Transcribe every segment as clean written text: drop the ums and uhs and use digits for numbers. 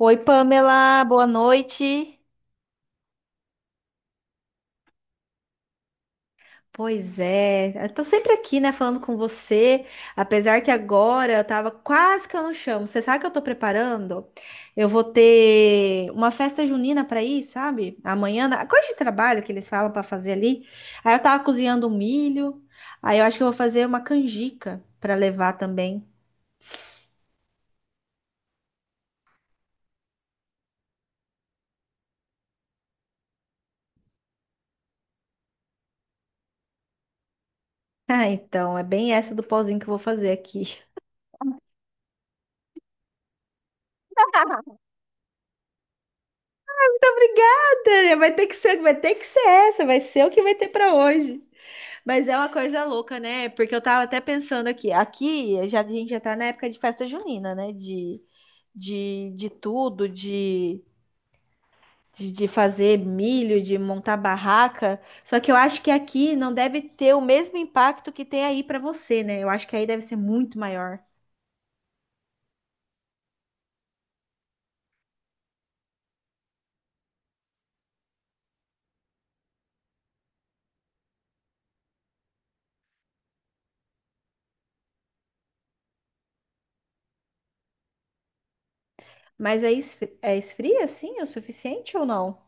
Oi, Pamela, boa noite. Pois é, eu tô sempre aqui, né, falando com você, apesar que agora eu tava quase que eu não chamo. Você sabe o que eu tô preparando? Eu vou ter uma festa junina pra ir, sabe? Amanhã, a coisa de trabalho que eles falam pra fazer ali. Aí eu tava cozinhando um milho, aí eu acho que eu vou fazer uma canjica pra levar também. Ah, então, é bem essa do pauzinho que eu vou fazer aqui. Muito obrigada! Vai ter que ser essa, vai ser o que vai ter pra hoje. Mas é uma coisa louca, né? Porque eu tava até pensando aqui. Aqui já, a gente já tá na época de festa junina, né? De tudo, de fazer milho, de montar barraca. Só que eu acho que aqui não deve ter o mesmo impacto que tem aí pra você, né? Eu acho que aí deve ser muito maior. Mas é, esfria, assim, o suficiente ou não?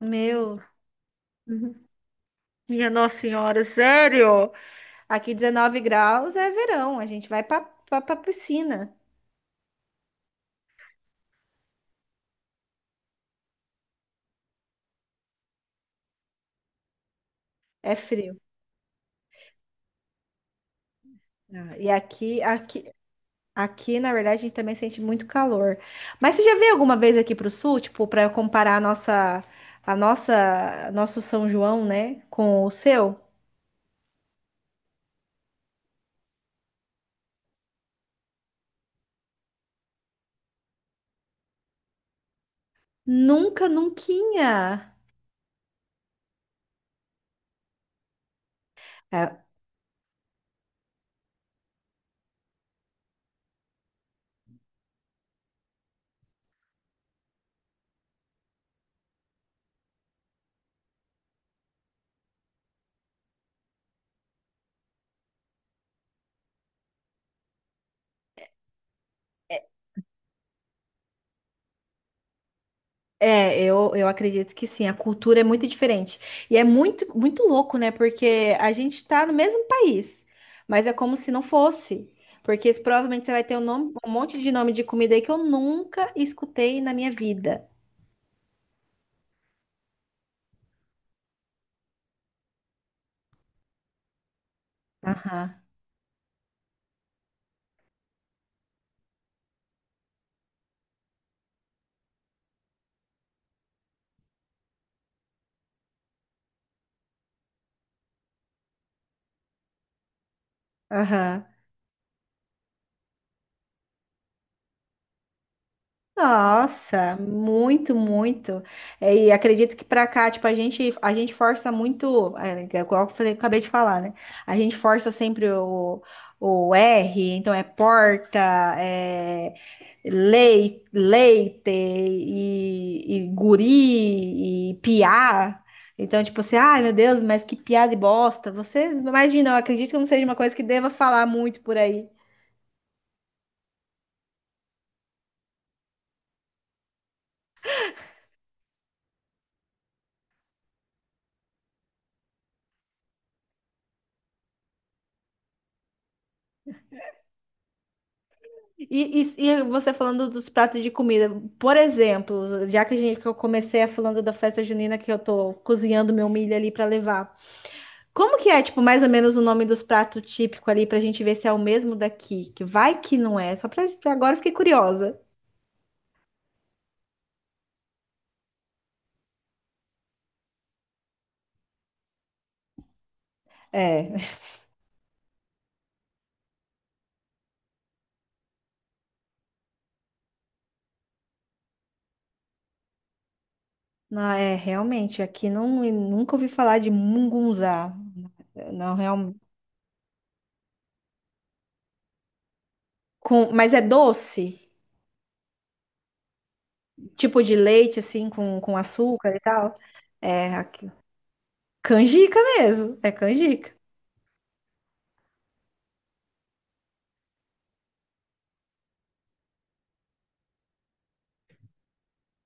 Meu, uhum. Minha Nossa Senhora, sério? Aqui 19 graus é verão, a gente vai pra piscina. É frio. Ah, e aqui, na verdade, a gente também sente muito calor. Mas você já veio alguma vez aqui para o sul, tipo, para eu comparar a nossa, nosso São João, né, com o seu? Nunca, nunca. É, eu acredito que sim, a cultura é muito diferente. E é muito, muito louco, né? Porque a gente está no mesmo país, mas é como se não fosse. Porque provavelmente você vai ter um monte de nome de comida aí que eu nunca escutei na minha vida. Aham. Aham. Nossa, muito, muito. É, e acredito que pra cá, tipo, a gente força muito, é, é igual eu falei, acabei de falar, né? A gente força sempre o R, então é porta, é leite e guri e piá. Então, tipo assim, ai meu Deus, mas que piada e bosta. Você imagina, eu acredito que não seja uma coisa que deva falar muito por aí. E você falando dos pratos de comida, por exemplo, já que eu comecei a falando da festa junina que eu tô cozinhando meu milho ali para levar. Como que é, tipo, mais ou menos o nome dos pratos típicos ali pra gente ver se é o mesmo daqui? Que vai que não é, só pra agora eu fiquei curiosa. É, não é realmente, aqui não eu nunca ouvi falar de mungunzá. Não, realmente. Com, mas é doce? Tipo de leite assim com açúcar e tal? É, aqui. Canjica mesmo, é canjica.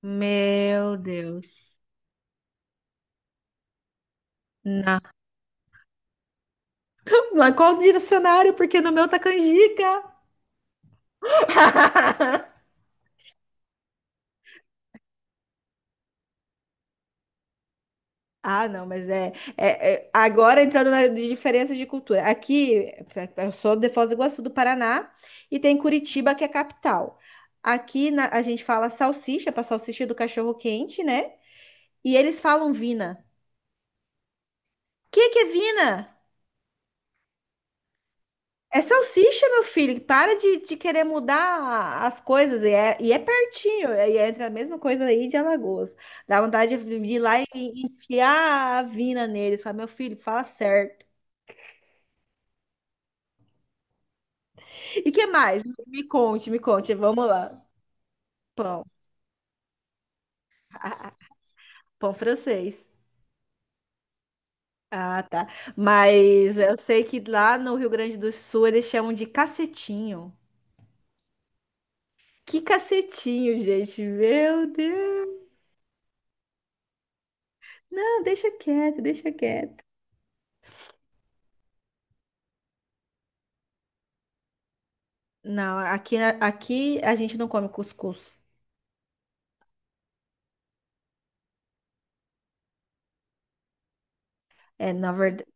Meu Deus. Não. Mas qual direcionário? Porque no meu tá canjica. Ah, não, mas é, agora entrando na de diferença de cultura. Aqui, é, eu sou de Foz do Iguaçu, do Paraná, e tem Curitiba, que é a capital. A gente fala salsicha, para salsicha do cachorro quente, né? E eles falam vina. O que que é vina? É salsicha, meu filho. Para de querer mudar as coisas. E é pertinho. E é entre a mesma coisa aí de Alagoas. Dá vontade de ir lá e enfiar a vina neles. Fala, meu filho, fala certo. E que mais? Me conte, me conte. Vamos lá. Pão. Pão francês. Ah, tá. Mas eu sei que lá no Rio Grande do Sul eles chamam de cacetinho. Que cacetinho, gente. Meu Deus. Não, deixa quieto, deixa quieto. Não, aqui, aqui a gente não come cuscuz. É, na verdade.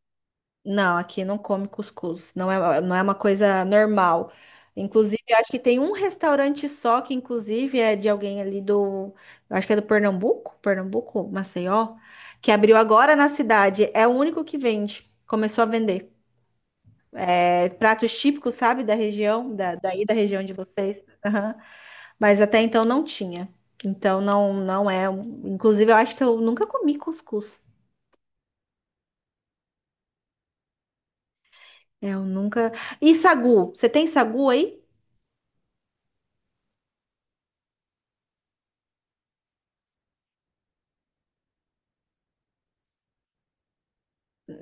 Não, aqui não come cuscuz. Não é, não é uma coisa normal. Inclusive, eu acho que tem um restaurante só que, inclusive, é de alguém ali do. Eu acho que é do Pernambuco, Pernambuco, Maceió, que abriu agora na cidade. É o único que vende. Começou a vender. É, pratos típicos, sabe, da região, daí da região de vocês. Aham. Mas até então não tinha. Então não, não é. Inclusive, eu acho que eu nunca comi cuscuz. É, eu nunca. E sagu? Você tem sagu aí?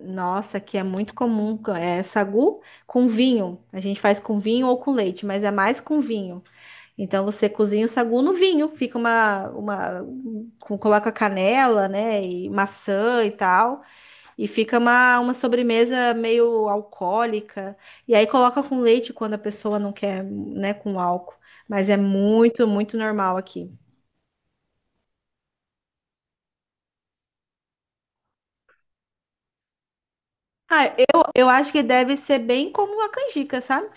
Nossa, que é muito comum. É sagu com vinho. A gente faz com vinho ou com leite, mas é mais com vinho. Então você cozinha o sagu no vinho, fica uma, coloca canela, né, e maçã e tal, e fica uma sobremesa meio alcoólica. E aí coloca com leite quando a pessoa não quer, né, com álcool. Mas é muito, muito normal aqui. Ah, eu acho que deve ser bem como a canjica, sabe?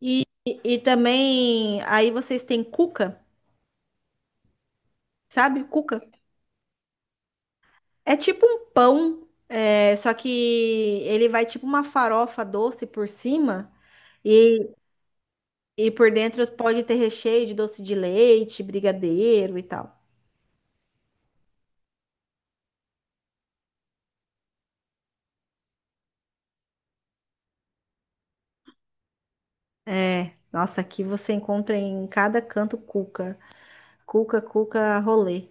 E também, aí vocês têm cuca, sabe? Cuca. É tipo um pão, é, só que ele vai tipo uma farofa doce por cima e, e por dentro pode ter recheio de doce de leite, brigadeiro e tal. É, nossa, aqui você encontra em cada canto cuca. Cuca, cuca, rolê.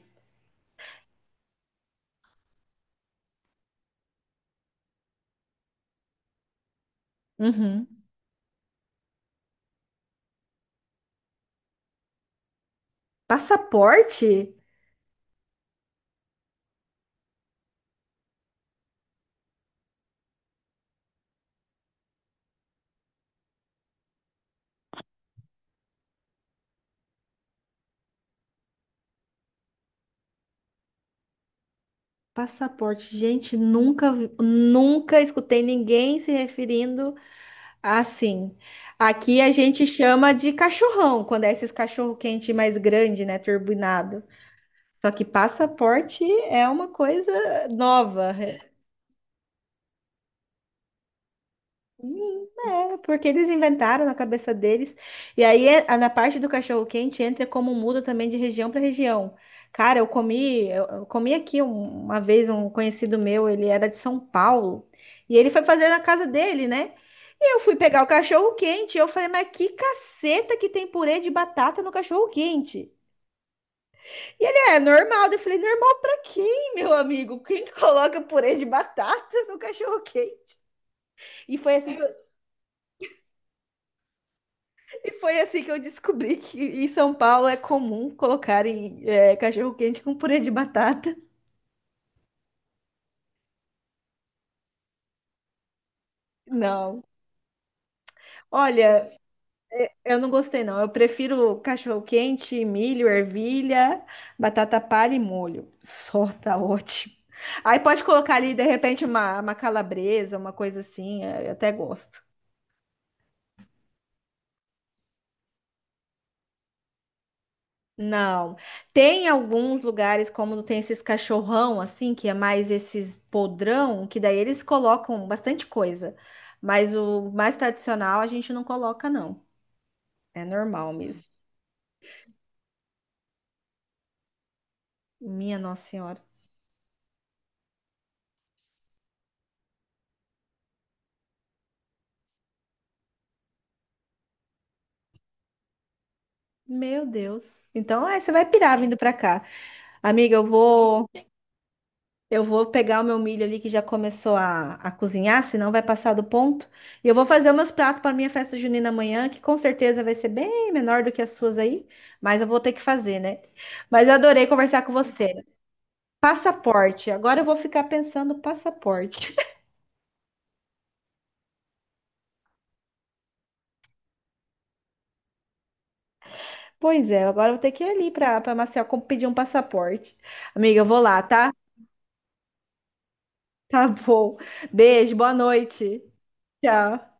Uhum. Passaporte? Passaporte, gente, nunca, nunca escutei ninguém se referindo. Ah, sim. Aqui a gente chama de cachorrão, quando é esses cachorro quente mais grande, né, turbinado. Só que passaporte é uma coisa nova. Sim, é, porque eles inventaram na cabeça deles. E aí, na parte do cachorro-quente, entra como muda também de região para região. Cara, eu comi, eu comi aqui uma vez um conhecido meu, ele era de São Paulo, e ele foi fazer na casa dele, né? E eu fui pegar o cachorro-quente, e eu falei, mas que caceta que tem purê de batata no cachorro-quente? E ele, é normal. Daí eu falei, normal pra quem, meu amigo? Quem coloca purê de batata no cachorro-quente? E foi assim E foi assim que eu descobri que em São Paulo é comum colocarem é, cachorro-quente com purê de batata. Não. Olha, eu não gostei, não. Eu prefiro cachorro-quente, milho, ervilha, batata palha e molho. Só tá ótimo. Aí pode colocar ali, de repente, uma calabresa, uma coisa assim. É, eu até gosto. Não. Tem alguns lugares, como tem esses cachorrão, assim, que é mais esses podrão, que daí eles colocam bastante coisa. Mas o mais tradicional a gente não coloca, não. É normal mesmo. Minha Nossa Senhora. Meu Deus. Então, é, você vai pirar vindo pra cá. Amiga, eu vou. Eu vou pegar o meu milho ali que já começou a cozinhar, senão vai passar do ponto. E eu vou fazer os meus pratos para minha festa junina amanhã, que com certeza vai ser bem menor do que as suas aí, mas eu vou ter que fazer, né? Mas eu adorei conversar com você. Passaporte. Agora eu vou ficar pensando passaporte. Pois é, agora eu vou ter que ir ali para Maceió pedir um passaporte. Amiga, eu vou lá, tá? Tá bom. Beijo, boa noite. Tchau.